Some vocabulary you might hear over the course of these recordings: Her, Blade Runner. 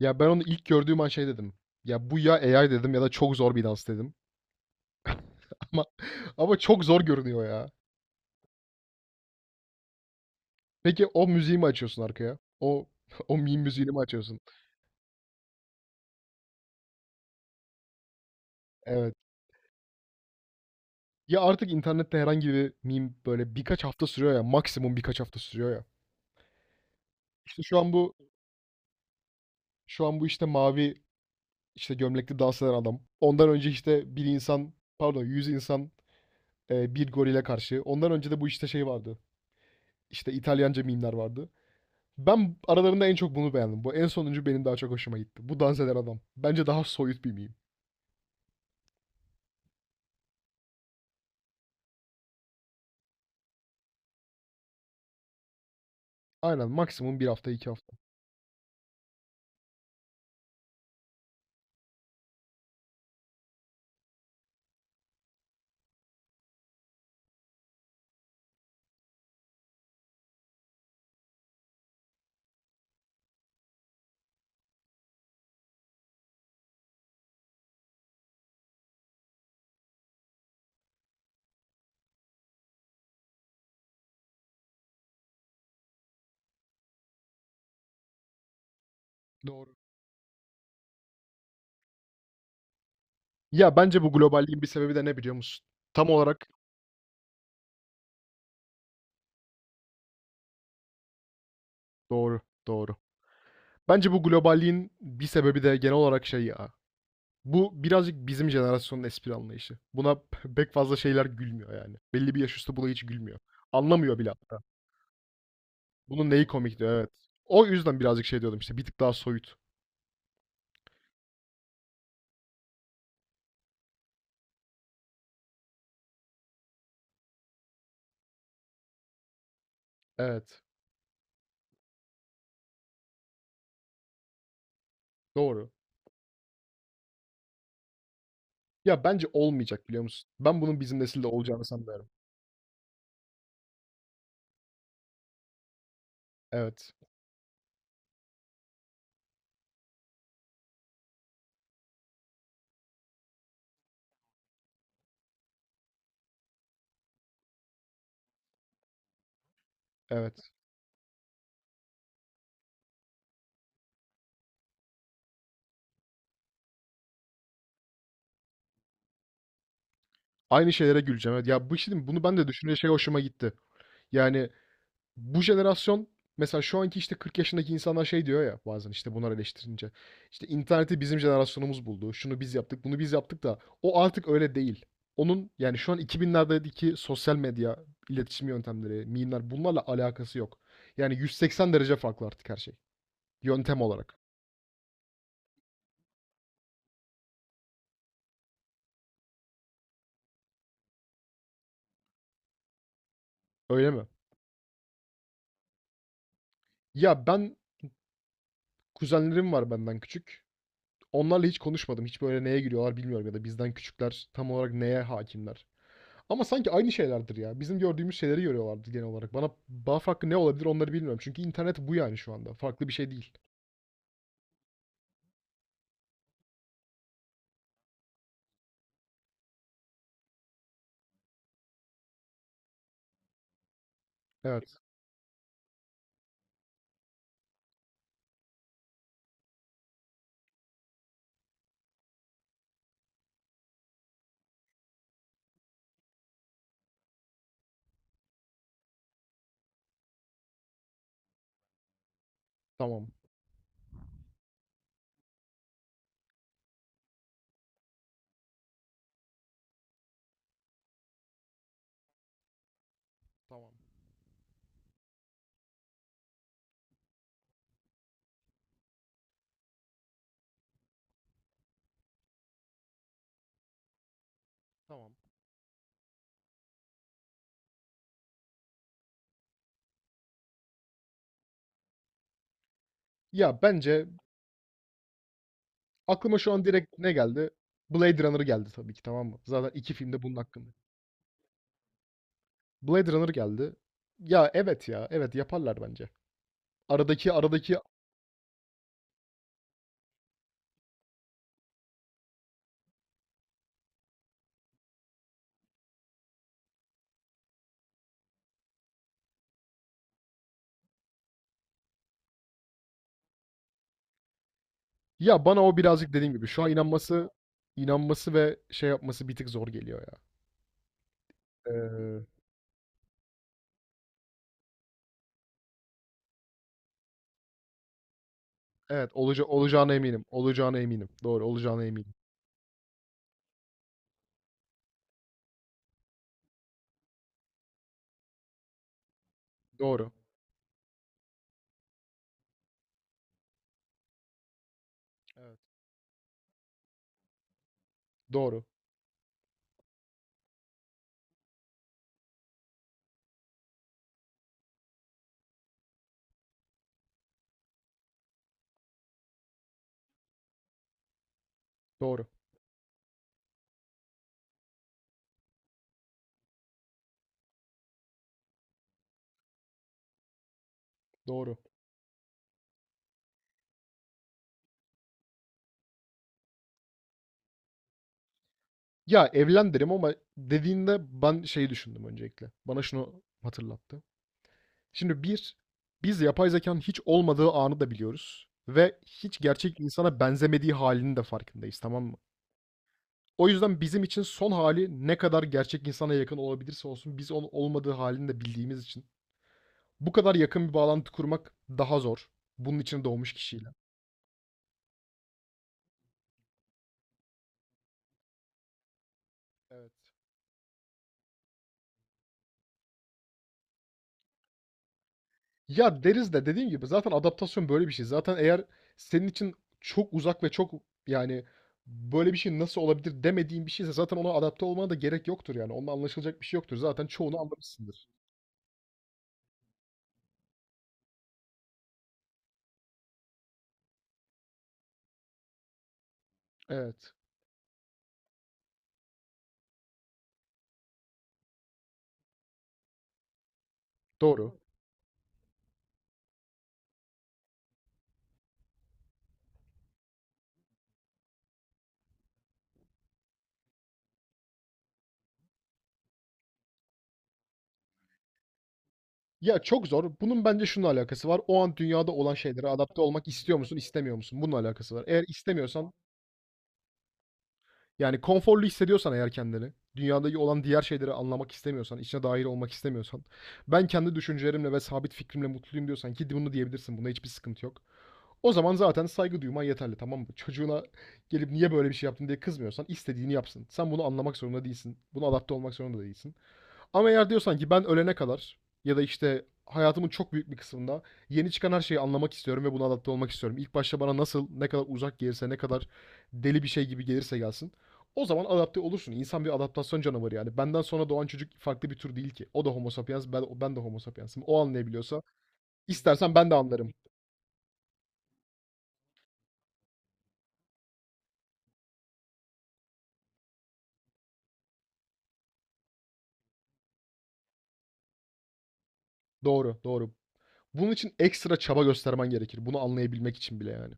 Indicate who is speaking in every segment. Speaker 1: Ya ben onu ilk gördüğüm an şey dedim. Ya bu ya AI dedim ya da çok zor bir dans dedim. Ama ama çok zor görünüyor ya. Peki o müziği mi açıyorsun arkaya? O o meme müziğini mi açıyorsun? Evet. Ya artık internette herhangi bir meme böyle birkaç hafta sürüyor ya. Maksimum birkaç hafta sürüyor ya. İşte şu an bu işte mavi işte gömlekli dans eden adam. Ondan önce işte bir insan, pardon, yüz insan bir gorile karşı. Ondan önce de bu işte şey vardı. İşte İtalyanca mimler vardı. Ben aralarında en çok bunu beğendim. Bu en sonuncu benim daha çok hoşuma gitti. Bu dans eden adam. Bence daha soyut bir meme. Aynen, maksimum bir hafta, iki hafta. Doğru. Ya bence bu globalliğin bir sebebi de ne biliyor musun? Tam olarak doğru, doğru. Bence bu globalliğin bir sebebi de genel olarak şey ya. Bu birazcık bizim jenerasyonun espri anlayışı. Buna pek fazla şeyler gülmüyor yani. Belli bir yaş üstü buna hiç gülmüyor. Anlamıyor bile hatta. Bunun neyi komikti, evet. O yüzden birazcık şey diyordum işte, bir tık daha soyut. Evet, doğru. Ya, bence olmayacak, biliyor musun? Ben bunun bizim nesilde olacağını sanmıyorum. Evet, evet. Aynı şeylere güleceğim. Evet. Ya, bu şimdi bunu ben de düşününce şey hoşuma gitti. Yani bu jenerasyon mesela şu anki işte 40 yaşındaki insanlar şey diyor ya bazen işte bunlar eleştirince. İşte interneti bizim jenerasyonumuz buldu. Şunu biz yaptık, bunu biz yaptık da o artık öyle değil. Onun yani şu an 2000'lerdeki sosyal medya iletişim yöntemleri, mimler, bunlarla alakası yok. Yani 180 derece farklı artık her şey. Yöntem olarak. Öyle mi? Ya ben, kuzenlerim var benden küçük. Onlarla hiç konuşmadım. Hiç böyle neye giriyorlar bilmiyorum ya da bizden küçükler tam olarak neye hakimler. Ama sanki aynı şeylerdir ya. Bizim gördüğümüz şeyleri görüyorlardı genel olarak. Bana bağ hakkı ne olabilir onları bilmiyorum. Çünkü internet bu yani şu anda. Farklı bir şey değil. Evet. Tamam. Tamam. Tamam. Ya bence aklıma şu an direkt ne geldi? Blade Runner geldi tabii ki, tamam mı? Zaten iki filmde bunun hakkında. Blade Runner geldi. Ya evet ya. Evet, yaparlar bence. Aradaki ya bana o birazcık dediğim gibi şu an inanması ve şey yapması bir tık zor geliyor ya. Ee, evet olacağına eminim. Olacağına eminim. Doğru, olacağına eminim. Doğru. Evet. Doğru. Doğru. Doğru. Ya evlen derim ama dediğinde ben şeyi düşündüm öncelikle. Bana şunu hatırlattı. Şimdi bir, biz yapay zekanın hiç olmadığı anı da biliyoruz. Ve hiç gerçek insana benzemediği halinin de farkındayız, tamam mı? O yüzden bizim için son hali ne kadar gerçek insana yakın olabilirse olsun biz onun olmadığı halini de bildiğimiz için bu kadar yakın bir bağlantı kurmak daha zor. Bunun için doğmuş kişiyle. Evet. Ya deriz de dediğim gibi zaten adaptasyon böyle bir şey. Zaten eğer senin için çok uzak ve çok, yani böyle bir şey nasıl olabilir demediğin bir şeyse zaten ona adapte olmana da gerek yoktur yani. Onunla anlaşılacak bir şey yoktur. Zaten çoğunu anlamışsındır. Evet. Doğru. Ya çok zor. Bunun bence şununla alakası var. O an dünyada olan şeylere adapte olmak istiyor musun, istemiyor musun? Bununla alakası var. Eğer istemiyorsan, yani konforlu hissediyorsan eğer kendini, dünyadaki olan diğer şeyleri anlamak istemiyorsan, içine dahil olmak istemiyorsan, ben kendi düşüncelerimle ve sabit fikrimle mutluyum diyorsan ki bunu diyebilirsin, bunda hiçbir sıkıntı yok. O zaman zaten saygı duyman yeterli, tamam mı? Çocuğuna gelip niye böyle bir şey yaptın diye kızmıyorsan, istediğini yapsın. Sen bunu anlamak zorunda değilsin. Buna adapte olmak zorunda değilsin. Ama eğer diyorsan ki ben ölene kadar ya da işte hayatımın çok büyük bir kısmında yeni çıkan her şeyi anlamak istiyorum ve buna adapte olmak istiyorum. İlk başta bana nasıl, ne kadar uzak gelirse, ne kadar deli bir şey gibi gelirse gelsin. O zaman adapte olursun. İnsan bir adaptasyon canavarı yani. Benden sonra doğan çocuk farklı bir tür değil ki. O da homo sapiens, ben de homo sapiensim. O anlayabiliyorsa istersen ben de anlarım. Doğru, doğru. Bunun için ekstra çaba göstermen gerekir. Bunu anlayabilmek için bile yani.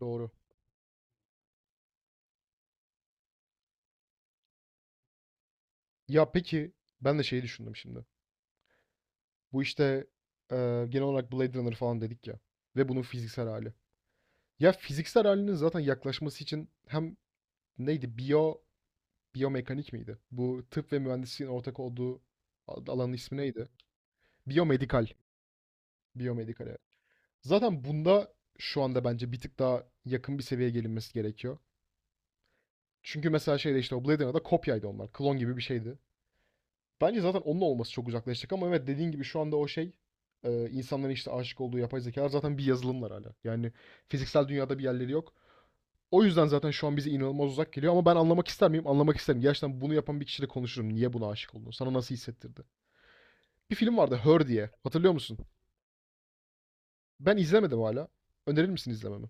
Speaker 1: Doğru. Ya peki ben de şeyi düşündüm şimdi. Bu işte genel olarak Blade Runner falan dedik ya. Ve bunun fiziksel hali. Ya fiziksel halinin zaten yaklaşması için hem, neydi? Biyo, biyomekanik miydi? Bu tıp ve mühendisliğin ortak olduğu alanın ismi neydi? Biyomedikal. Biyomedikal, evet. Zaten bunda şu anda bence bir tık daha yakın bir seviyeye gelinmesi gerekiyor. Çünkü mesela şeyde işte o Blade Runner'da kopyaydı onlar. Klon gibi bir şeydi. Bence zaten onun olması çok uzaklaştık ama evet dediğin gibi şu anda o şey, insanların işte aşık olduğu yapay zekalar zaten bir yazılımlar hala. Yani fiziksel dünyada bir yerleri yok. O yüzden zaten şu an bize inanılmaz uzak geliyor ama ben anlamak ister miyim? Anlamak isterim. Gerçekten bunu yapan bir kişiyle konuşurum. Niye buna aşık oldun? Sana nasıl hissettirdi? Bir film vardı, Her diye. Hatırlıyor musun? Ben izlemedim hala. Önerir misin izlememi?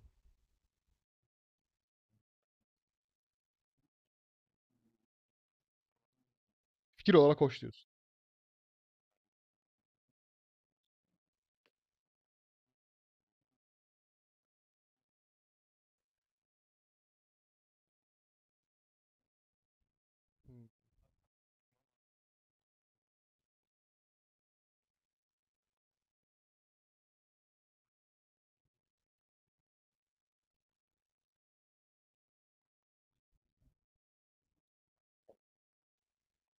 Speaker 1: Fikir olarak hoş diyorsun.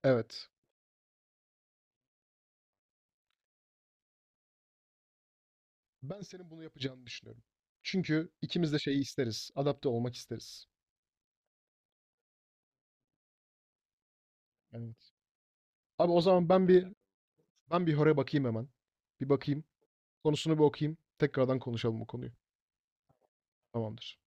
Speaker 1: Evet. Ben senin bunu yapacağını düşünüyorum. Çünkü ikimiz de şeyi isteriz. Adapte olmak isteriz. Evet. Abi o zaman ben bir, ben bir horaya bakayım hemen. Bir bakayım. Konusunu bir okuyayım. Tekrardan konuşalım bu konuyu. Tamamdır.